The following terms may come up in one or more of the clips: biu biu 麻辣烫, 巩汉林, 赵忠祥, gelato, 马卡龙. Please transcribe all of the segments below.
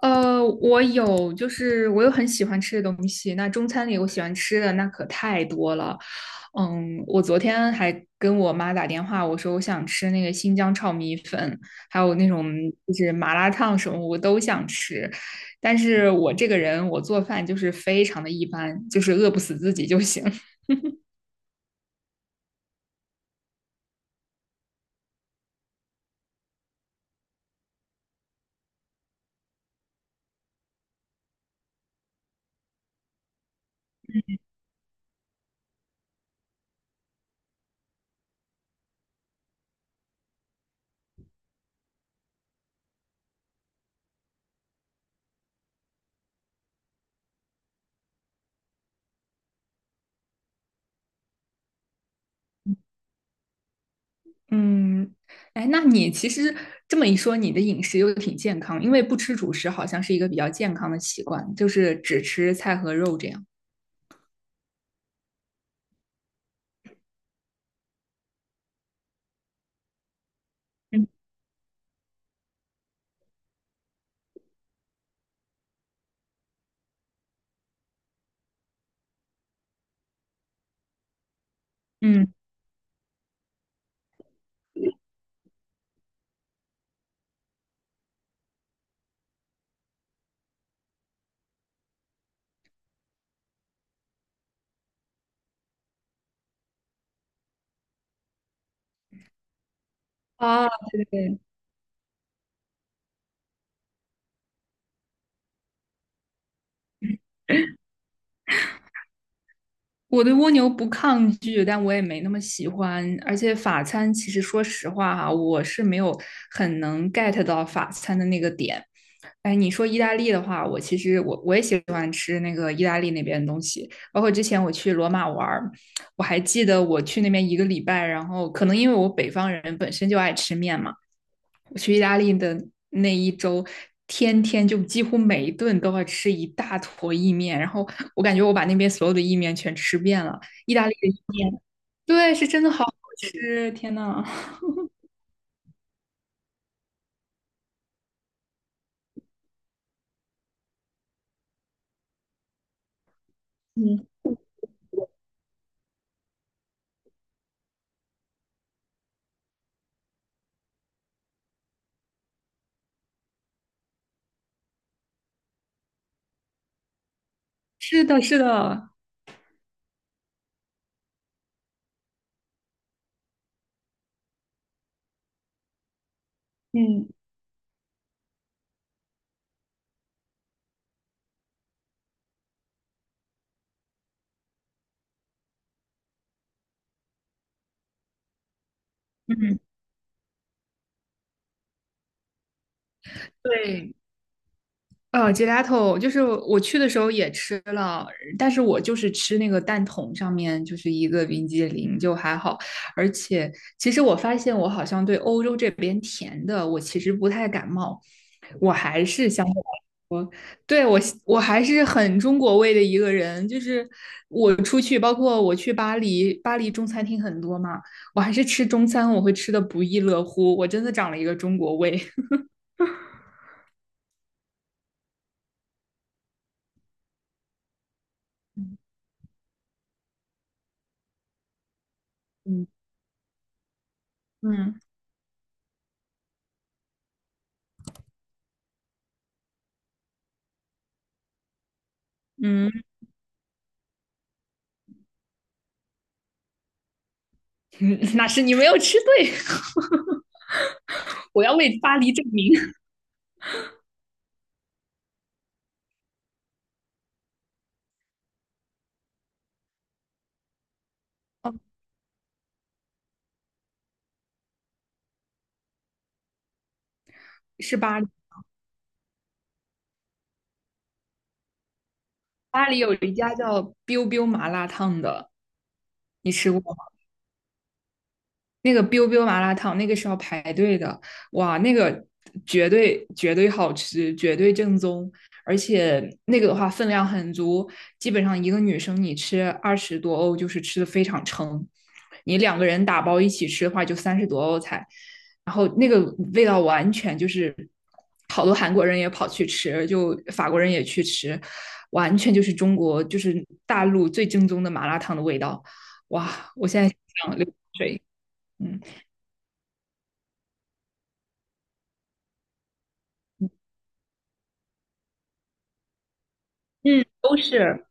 我有，就是我有很喜欢吃的东西。那中餐里我喜欢吃的那可太多了。嗯，我昨天还跟我妈打电话，我说我想吃那个新疆炒米粉，还有那种就是麻辣烫什么，我都想吃。但是我这个人，我做饭就是非常的一般，就是饿不死自己就行。嗯。哎，那你其实这么一说，你的饮食又挺健康，因为不吃主食好像是一个比较健康的习惯，就是只吃菜和肉这样。嗯。嗯。啊，对对对，我对蜗牛不抗拒，但我也没那么喜欢。而且法餐，其实说实话哈、我是没有很能 get 到法餐的那个点。哎，你说意大利的话，我其实我也喜欢吃那个意大利那边的东西。包括之前我去罗马玩儿，我还记得我去那边一个礼拜，然后可能因为我北方人本身就爱吃面嘛。我去意大利的那一周，天天就几乎每一顿都要吃一大坨意面，然后我感觉我把那边所有的意面全吃遍了。意大利的意面，对，是真的好好吃，天呐。嗯。是的，是的。嗯嗯。对，gelato 就是我去的时候也吃了，但是我就是吃那个蛋筒上面就是一个冰激凌，就还好。而且其实我发现我好像对欧洲这边甜的我其实不太感冒。对，我还是很中国味的一个人，就是我出去，包括我去巴黎，巴黎中餐厅很多嘛，我还是吃中餐，我会吃的不亦乐乎，我真的长了一个中国胃。嗯嗯嗯。那是你没有吃对。我要为巴黎证明。是巴黎。巴黎有一家叫 biu biu 麻辣烫的，你吃过？那个 biu biu 麻辣烫，那个是要排队的，哇，那个绝对绝对好吃，绝对正宗，而且那个的话分量很足，基本上一个女生你吃二十多欧就是吃的非常撑，你两个人打包一起吃的话就三十多欧才，然后那个味道完全就是好多韩国人也跑去吃，就法国人也去吃，完全就是中国就是大陆最正宗的麻辣烫的味道，哇，我现在想流口水。嗯。嗯，都是。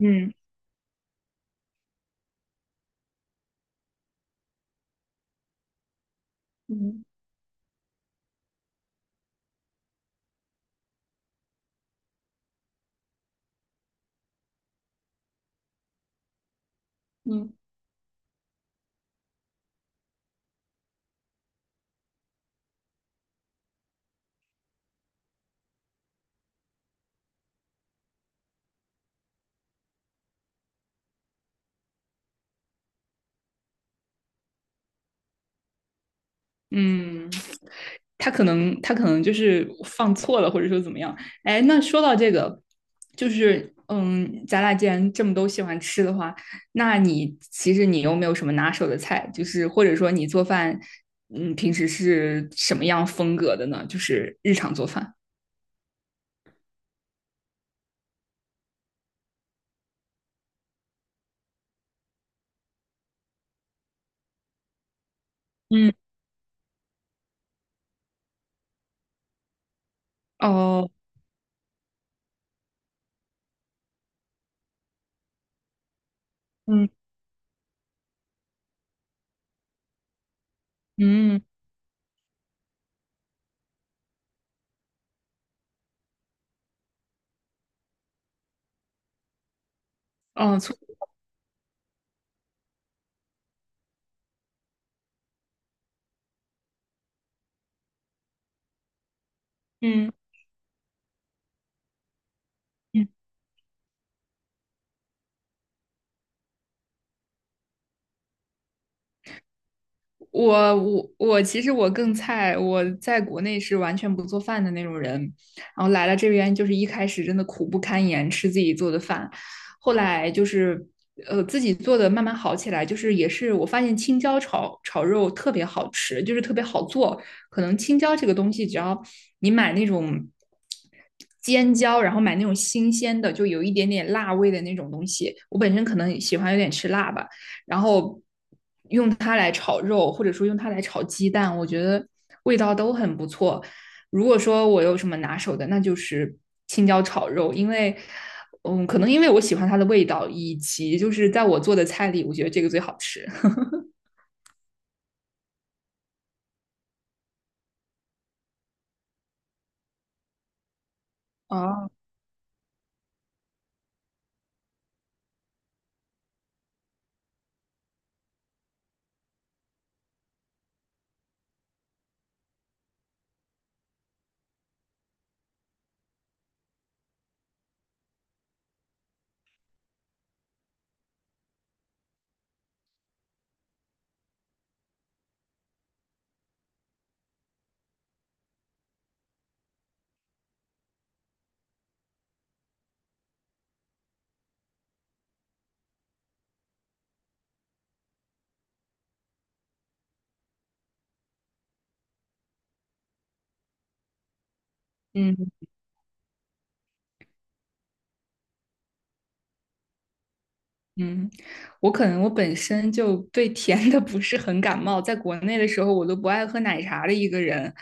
嗯嗯嗯嗯。他可能就是放错了，或者说怎么样？哎，那说到这个，就是嗯，咱俩既然这么都喜欢吃的话，那你其实你有没有什么拿手的菜？就是或者说你做饭，嗯，平时是什么样风格的呢？就是日常做饭。嗯。哦。嗯嗯。哦。嗯嗯。我其实我更菜，我在国内是完全不做饭的那种人，然后来了这边就是一开始真的苦不堪言，吃自己做的饭，后来就是自己做的慢慢好起来，就是也是我发现青椒炒肉特别好吃，就是特别好做，可能青椒这个东西只要你买那种。尖椒，然后买那种新鲜的，就有一点点辣味的那种东西。我本身可能喜欢有点吃辣吧，然后用它来炒肉，或者说用它来炒鸡蛋，我觉得味道都很不错。如果说我有什么拿手的，那就是青椒炒肉，因为，嗯，可能因为我喜欢它的味道，以及就是在我做的菜里，我觉得这个最好吃。哦。嗯嗯。我可能我本身就对甜的不是很感冒，在国内的时候我都不爱喝奶茶的一个人，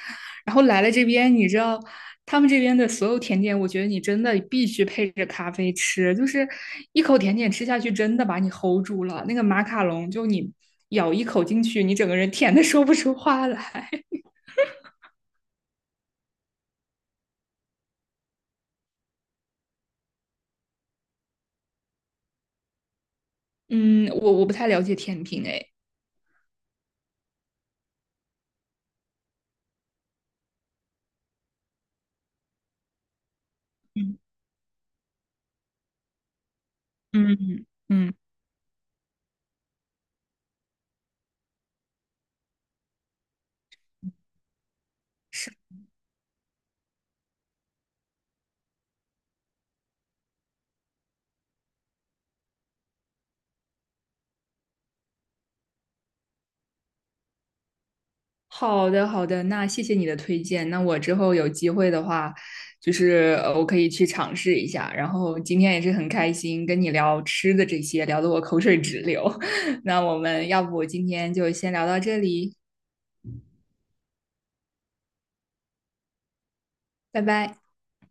然后来了这边，你知道他们这边的所有甜点，我觉得你真的必须配着咖啡吃，就是一口甜点吃下去，真的把你 hold 住了。那个马卡龙，就你咬一口进去，你整个人甜的说不出话来。嗯。我不太了解甜品，哎。嗯嗯嗯。是。好的，好的，那谢谢你的推荐。那我之后有机会的话，就是我可以去尝试一下。然后今天也是很开心跟你聊吃的这些，聊得我口水直流。那我们要不今天就先聊到这里，拜拜。